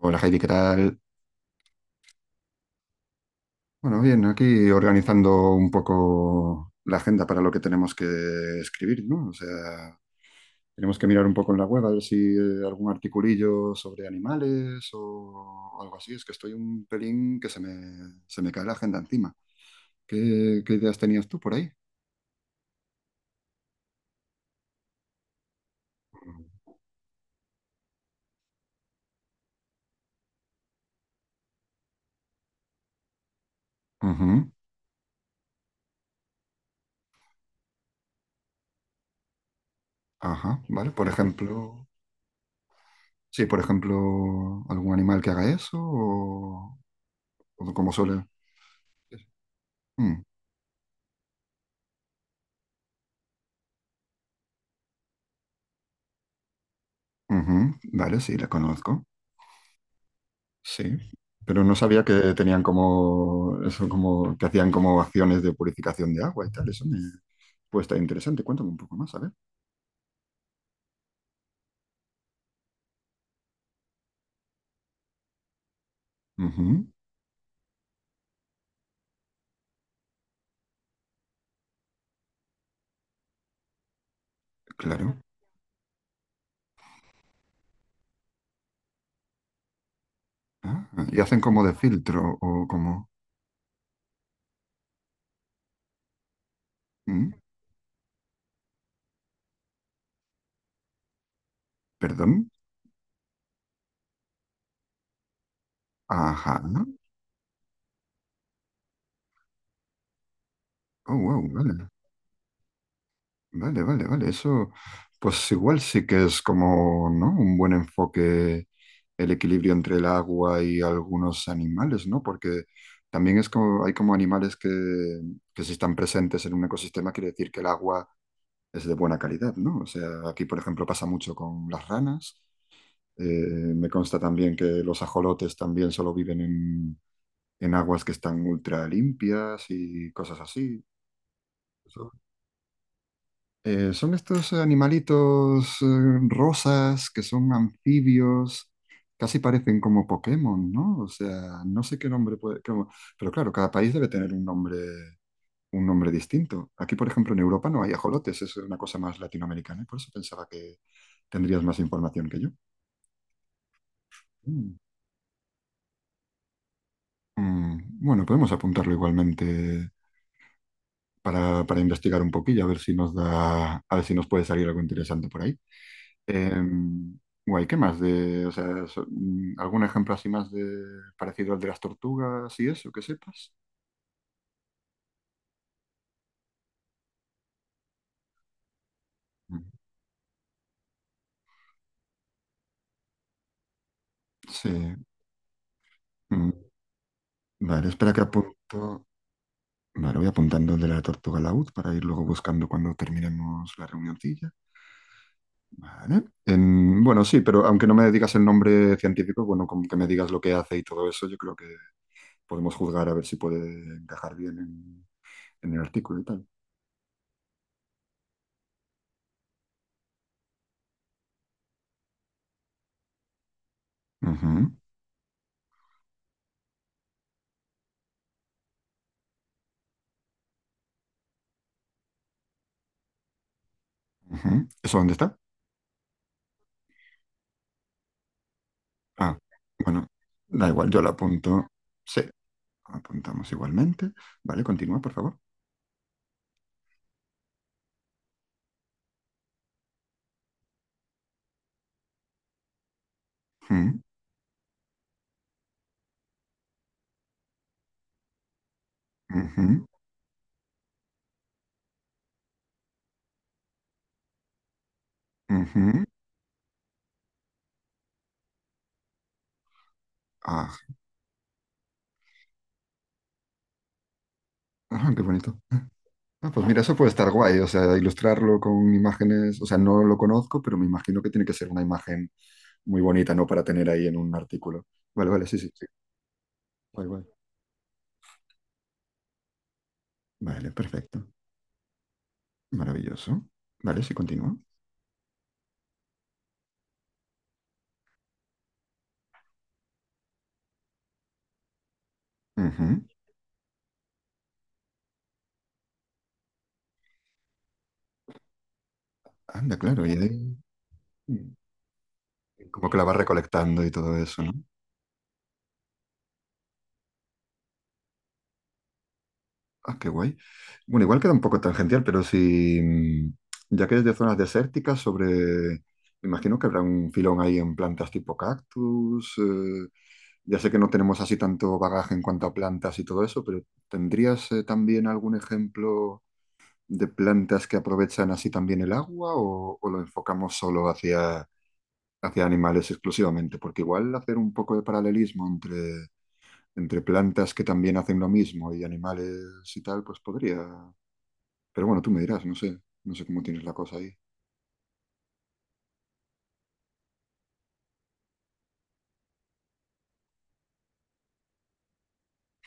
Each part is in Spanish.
Hola Heidi, ¿qué tal? Bueno, bien, aquí organizando un poco la agenda para lo que tenemos que escribir, ¿no? O sea, tenemos que mirar un poco en la web a ver si algún articulillo sobre animales o algo así. Es que estoy un pelín que se me cae la agenda encima. ¿Qué, qué ideas tenías tú por ahí? Ujú. Ajá, vale. Por ejemplo, sí, por ejemplo, algún animal que haga eso o como suele. Mm, ujú. Vale, sí, la conozco. Sí, pero no sabía que tenían como eso, como que hacían como acciones de purificación de agua y tal. Eso me puede estar interesante. Cuéntame un poco más, a ver. Ujú, claro. Ah, ¿y hacen como de filtro o como? Mm. ¿Perdón? Ajá. Oh, wow, vale. Vale, vale, vale. Eso, pues igual sí que es como, ¿no?, un buen enfoque, el equilibrio entre el agua y algunos animales, ¿no? Porque también es como, hay como animales que si están presentes en un ecosistema quiere decir que el agua es de buena calidad, ¿no? O sea, aquí, por ejemplo, pasa mucho con las ranas. Eh, Me consta también que los ajolotes también solo viven en aguas que están ultra limpias y cosas así. Son estos animalitos rosas que son anfibios, casi parecen como Pokémon, ¿no? O sea, no sé qué nombre puede... cómo- Pero claro, cada país debe tener un nombre distinto. Aquí, por ejemplo, en Europa no hay ajolotes, es una cosa más latinoamericana, y por eso pensaba que tendrías más información que yo. Mm. Mm, bueno, podemos apuntarlo igualmente para investigar un poquillo, a ver si nos da, a ver si nos puede salir algo interesante por ahí. Em, Guay, ¿qué más de, o sea, algún ejemplo así más de parecido al de las tortugas y eso, que sepas? Mm. Sí. Mm. Vale, espera que apunto. Vale, voy apuntando el de la tortuga laúd para ir luego buscando cuando terminemos la reunioncilla. Vale. En- bueno, sí, pero aunque no me digas el nombre científico, bueno, como que me digas lo que hace y todo eso, yo creo que podemos juzgar a ver si puede encajar bien en el artículo y tal. Ujú, ujú. ¿Eso dónde está? Ah, bueno, da igual, yo la apunto. Sí, apuntamos igualmente. Vale, continúa, por favor. Mm, ujú, ujú. Ah, ah, qué bonito. Ah, pues mira, eso puede estar guay, o sea, ilustrarlo con imágenes, o sea, no lo conozco, pero me imagino que tiene que ser una imagen muy bonita, ¿no? Para tener ahí en un artículo. Vale, vale, sí, sí, sí. Guay, guay. Vale, perfecto. Maravilloso. Vale, sí, continúa. Ujú. Anda, claro, y ahí mm, como que la va recolectando y todo eso, ¿no? Ah, qué guay. Bueno, igual queda un poco tangencial, pero si, mm, ya que es de zonas desérticas, sobre, me imagino que habrá un filón ahí en plantas tipo cactus. Ya sé que no tenemos así tanto bagaje en cuanto a plantas y todo eso, pero ¿tendrías también algún ejemplo de plantas que aprovechan así también el agua o lo enfocamos solo hacia, hacia animales exclusivamente? Porque igual hacer un poco de paralelismo entre, entre plantas que también hacen lo mismo y animales y tal, pues podría. Pero bueno, tú me dirás, no sé, no sé cómo tienes la cosa ahí.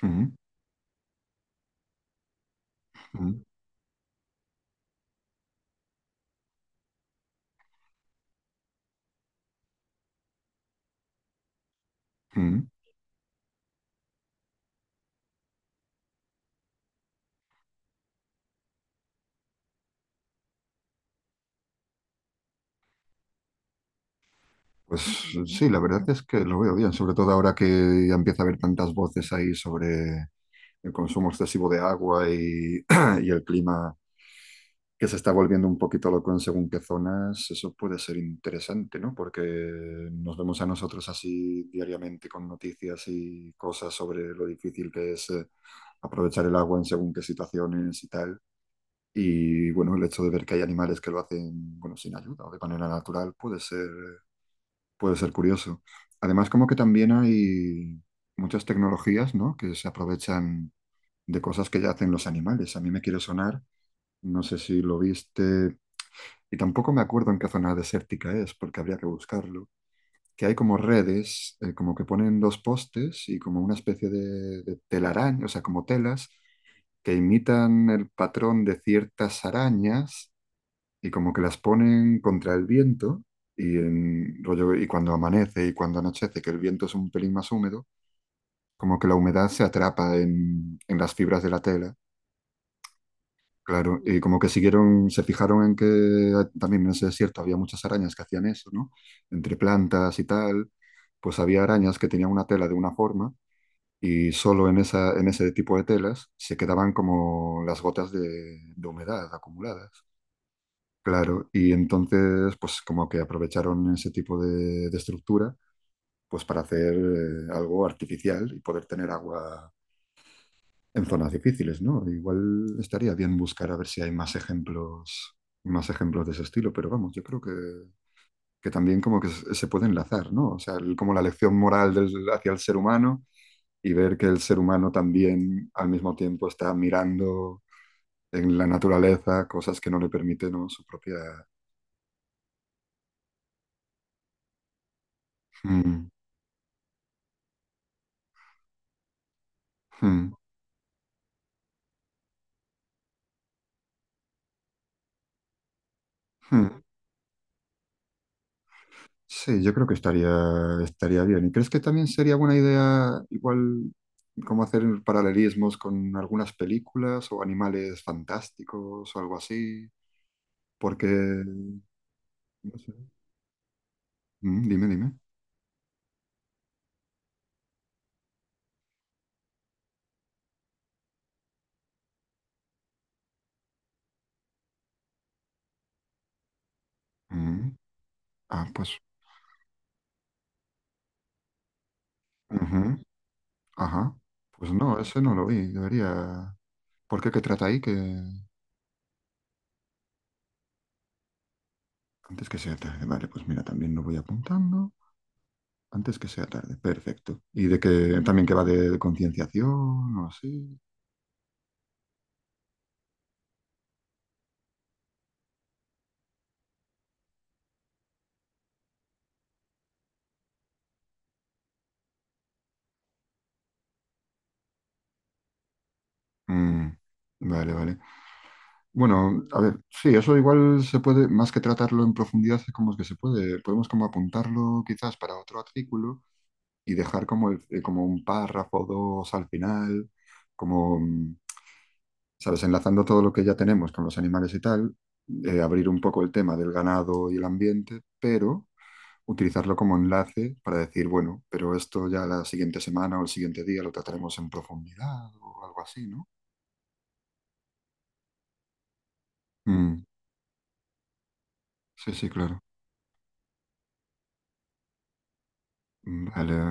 Ujú, ujú, ujú. Pues sí, la verdad es que lo veo bien, sobre todo ahora que ya empieza a haber tantas voces ahí sobre el consumo excesivo de agua y el clima que se está volviendo un poquito loco en según qué zonas, eso puede ser interesante, ¿no? Porque nos vemos a nosotros así diariamente con noticias y cosas sobre lo difícil que es aprovechar el agua en según qué situaciones y tal. Y bueno, el hecho de ver que hay animales que lo hacen, bueno, sin ayuda o de manera natural puede ser curioso. Además, como que también hay muchas tecnologías, ¿no?, que se aprovechan de cosas que ya hacen los animales. A mí me quiere sonar, no sé si lo viste, y tampoco me acuerdo en qué zona desértica es, porque habría que buscarlo, que hay como redes, como que ponen dos postes y como una especie de telaraña, o sea, como telas que imitan el patrón de ciertas arañas y como que las ponen contra el viento y rollo, y cuando amanece y cuando anochece, que el viento es un pelín más húmedo, como que la humedad se atrapa en las fibras de la tela. Claro, y como que siguieron, se fijaron en que también en ese desierto había muchas arañas que hacían eso, ¿no? Entre plantas y tal, pues había arañas que tenían una tela de una forma y solo en esa, en ese tipo de telas se quedaban como las gotas de humedad acumuladas. Claro, y entonces, pues como que aprovecharon ese tipo de estructura, pues para hacer algo artificial y poder tener agua en zonas difíciles, ¿no? Igual estaría bien buscar a ver si hay más ejemplos de ese estilo, pero vamos, yo creo que también como que se puede enlazar, ¿no? O sea, el- como la lección moral del- hacia el ser humano y ver que el ser humano también al mismo tiempo está mirando en la naturaleza cosas que no le permiten, ¿no?, su propia... Mm, mm, mm. Sí, yo creo que estaría, estaría bien. ¿Y crees que también sería buena idea, igual, cómo hacer paralelismos con algunas películas o animales fantásticos o algo así? Porque, no sé. Mm, dime, dime. Mm. Ah, pues, ujú. Ajá. Pues no, ese no lo vi. Debería. ¿Por qué? ¿Qué trata ahí? Que antes que sea tarde. Vale, pues mira, también lo voy apuntando. Antes que sea tarde. Perfecto. ¿Y de que también que va de concienciación o así? Mm, vale, vale. Bueno, a ver, sí, eso igual se puede, más que tratarlo en profundidad, es como que se puede, podemos como apuntarlo quizás para otro artículo y dejar como, el- como un párrafo o dos al final, como, mm, ¿sabes? Enlazando todo lo que ya tenemos con los animales y tal, abrir un poco el tema del ganado y el ambiente, pero utilizarlo como enlace para decir, bueno, pero esto ya la siguiente semana o el siguiente día lo trataremos en profundidad o algo así, ¿no? Mm, sí, sí, claro. Vale,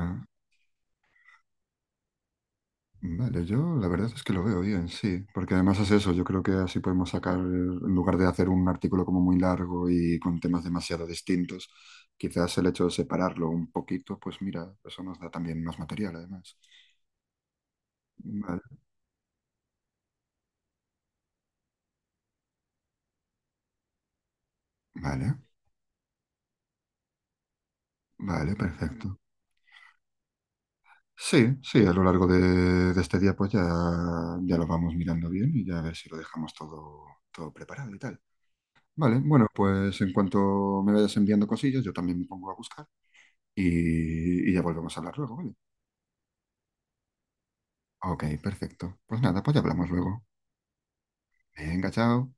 vale, yo la verdad es que lo veo bien, sí, porque además es eso, yo creo que así podemos sacar, en lugar de hacer un artículo como muy largo y con temas demasiado distintos, quizás el hecho de separarlo un poquito, pues mira, eso nos da también más material además. Vale, vale, vale, perfecto. Sí, sí, a lo largo de este día pues ya, ya lo vamos mirando bien y ya a ver si lo dejamos todo, todo preparado y tal. Vale, bueno, pues en cuanto me vayas enviando cosillas, yo también me pongo a buscar. Y y ya volvemos a hablar luego, ¿vale? Ok, perfecto. Pues nada, pues ya hablamos luego. Venga, chao.